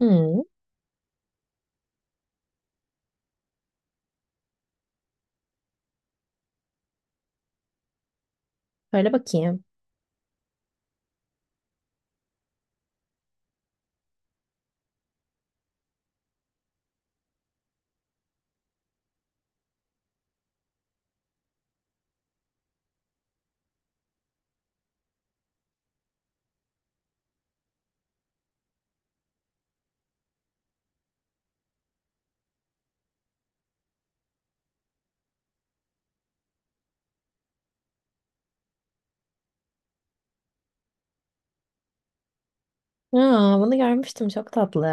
Hmm, böyle bakayım. Aa, bunu görmüştüm. Çok tatlı.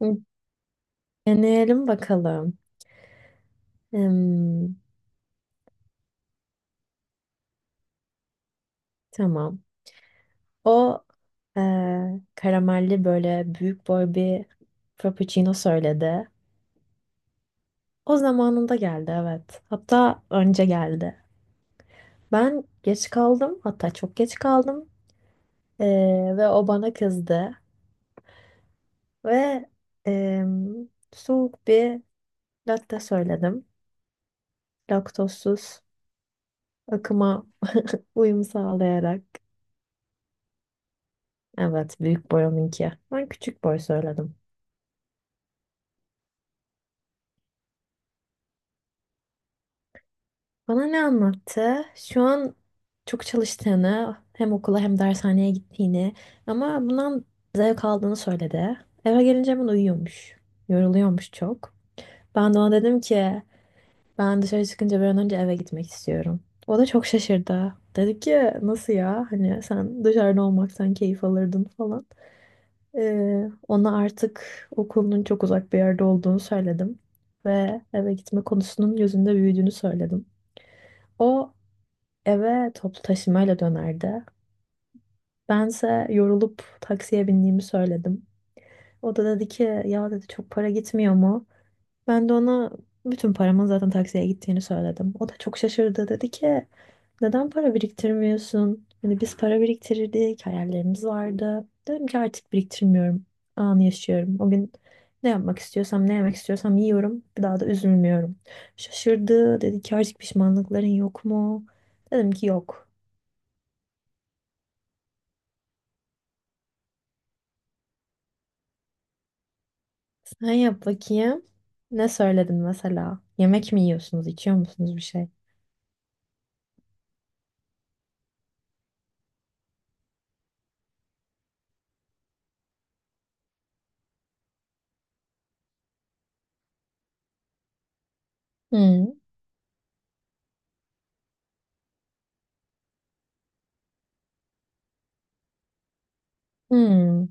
Hı, deneyelim bakalım. Hmm, tamam. O karamelli böyle büyük boy bir frappuccino söyledi. O zamanında geldi, evet. Hatta önce geldi. Ben geç kaldım. Hatta çok geç kaldım. Ve o bana kızdı. Ve em, soğuk bir latte söyledim. Laktozsuz akıma uyum sağlayarak. Evet, büyük boy onunki. Ben küçük boy söyledim. Bana ne anlattı? Şu an çok çalıştığını, hem okula hem dershaneye gittiğini ama bundan zevk aldığını söyledi. Eve gelince hemen uyuyormuş. Yoruluyormuş çok. Ben de ona dedim ki ben dışarı çıkınca bir an önce eve gitmek istiyorum. O da çok şaşırdı. Dedi ki nasıl ya? Hani sen dışarıda olmaktan keyif alırdın falan. Ona artık okulunun çok uzak bir yerde olduğunu söyledim ve eve gitme konusunun gözünde büyüdüğünü söyledim. O eve toplu taşımayla dönerdi. Bense yorulup taksiye bindiğimi söyledim. O da dedi ki ya dedi çok para gitmiyor mu? Ben de ona bütün paramın zaten taksiye gittiğini söyledim. O da çok şaşırdı. Dedi ki neden para biriktirmiyorsun? Hani biz para biriktirirdik, hayallerimiz vardı. Dedim ki artık biriktirmiyorum. Anı yaşıyorum. O gün ne yapmak istiyorsam, ne yemek istiyorsam yiyorum. Bir daha da üzülmüyorum. Şaşırdı. Dedi ki artık pişmanlıkların yok mu? Dedim ki yok. Sen yap bakayım. Ne söyledin mesela? Yemek mi yiyorsunuz, içiyor musunuz bir şey? Hmm. Hmm.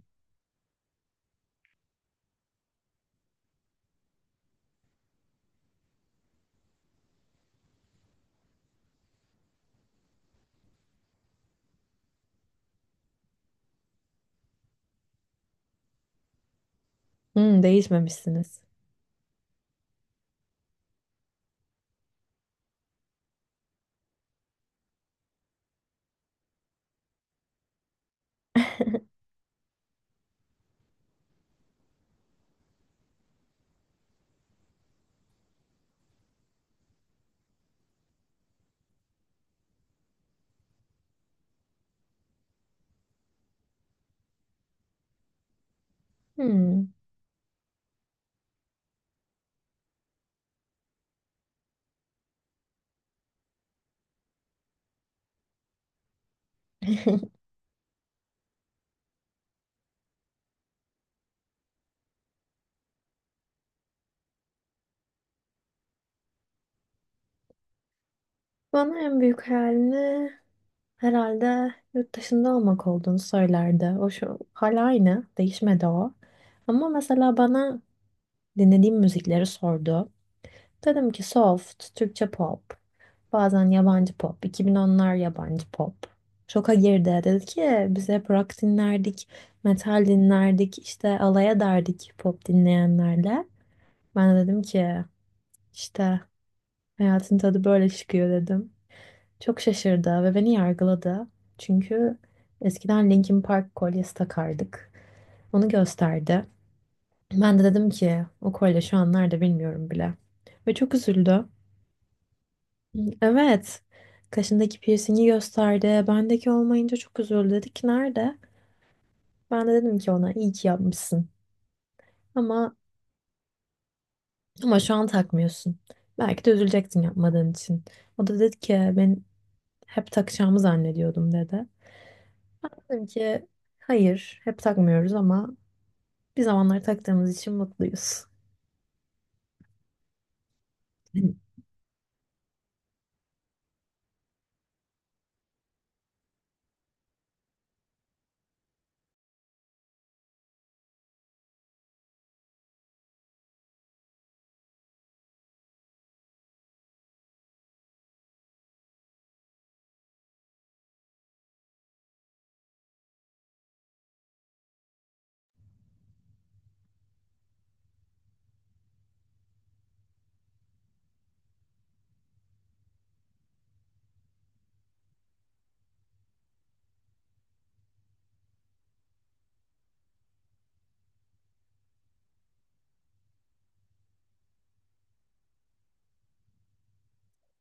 Hmm. Değişmemişsiniz. Hmm. Bana en büyük hayalini herhalde yurt dışında olmak olduğunu söylerdi. O şu hala aynı, değişmedi o. Ama mesela bana dinlediğim müzikleri sordu. Dedim ki soft, Türkçe pop, bazen yabancı pop, 2010'lar yabancı pop. Şoka girdi. Dedi ki biz hep rock dinlerdik, metal dinlerdik, işte alay ederdik pop dinleyenlerle. Ben de dedim ki işte hayatın tadı böyle çıkıyor dedim. Çok şaşırdı ve beni yargıladı. Çünkü eskiden Linkin Park kolyesi takardık. Onu gösterdi. Ben de dedim ki o kolye şu an nerede bilmiyorum bile. Ve çok üzüldü. Evet. Kaşındaki piercingi gösterdi. Bendeki olmayınca çok üzüldü. Dedi ki nerede? Ben de dedim ki ona iyi ki yapmışsın. Ama şu an takmıyorsun. Belki de üzülecektin yapmadığın için. O da dedi ki ben hep takacağımı zannediyordum dedi. Dedim ki hayır hep takmıyoruz ama bir zamanlar taktığımız için mutluyuz.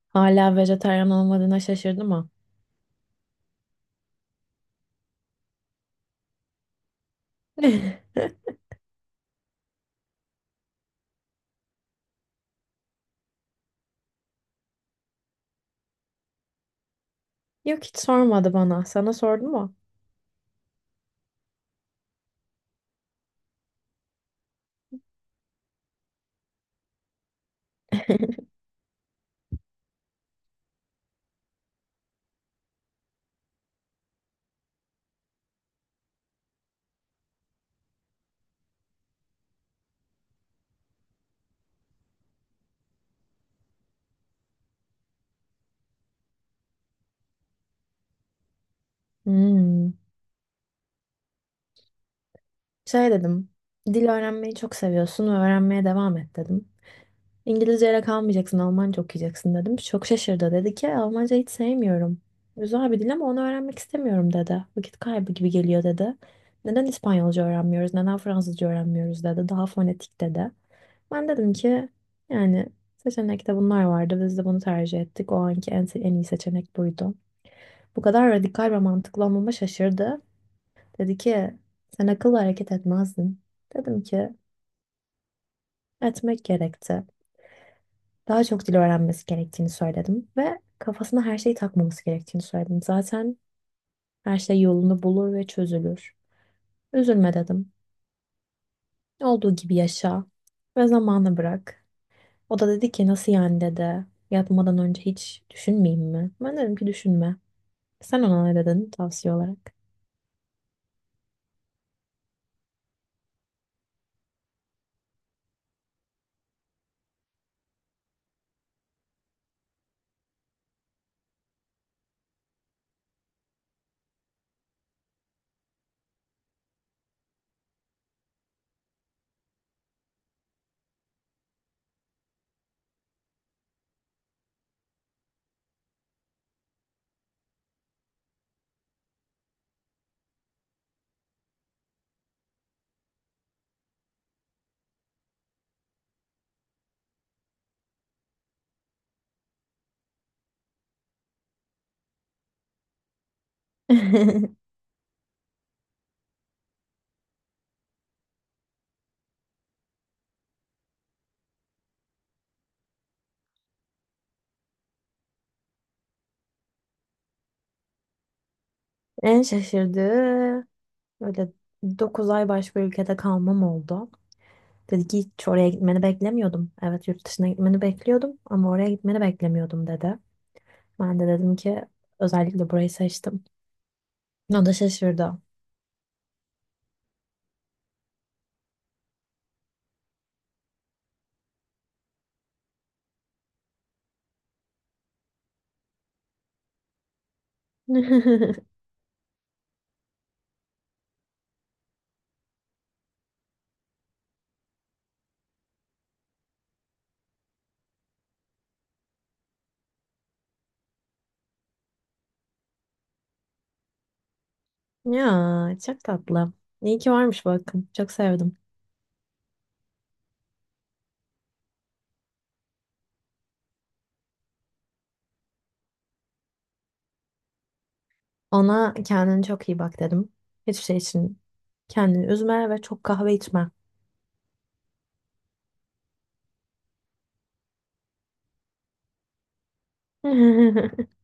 Hala vejetaryen olmadığına şaşırdım ama. Yok hiç sormadı bana. Sana sordu mu? Hmm. Şey dedim. Dil öğrenmeyi çok seviyorsun ve öğrenmeye devam et dedim. İngilizceyle kalmayacaksın, Almanca okuyacaksın dedim. Çok şaşırdı. Dedi ki "E, Almanca hiç sevmiyorum. Güzel bir dil ama onu öğrenmek istemiyorum dedi. Vakit kaybı gibi geliyor dedi. Neden İspanyolca öğrenmiyoruz, neden Fransızca öğrenmiyoruz dedi. Daha fonetik dedi. Ben dedim ki yani seçenekte bunlar vardı. Biz de bunu tercih ettik. O anki en iyi seçenek buydu. Bu kadar radikal ve mantıklı olmama şaşırdı. Dedi ki sen akıllı hareket etmezdin. Dedim ki etmek gerekti. Daha çok dil öğrenmesi gerektiğini söyledim. Ve kafasına her şeyi takmaması gerektiğini söyledim. Zaten her şey yolunu bulur ve çözülür. Üzülme dedim. Olduğu gibi yaşa ve zamanı bırak. O da dedi ki nasıl yani dedi. Yatmadan önce hiç düşünmeyeyim mi? Ben dedim ki düşünme. Sen ona ne dedin tavsiye olarak? En şaşırdığı böyle 9 ay başka ülkede kalmam oldu. Dedi ki hiç oraya gitmeni beklemiyordum. Evet yurt dışına gitmeni bekliyordum ama oraya gitmeni beklemiyordum dedi. Ben de dedim ki özellikle burayı seçtim. O da şaşırdı. Ya çok tatlı. İyi ki varmış bakın. Çok sevdim. Ona kendine çok iyi bak dedim. Hiçbir şey için kendini üzme ve çok kahve içme.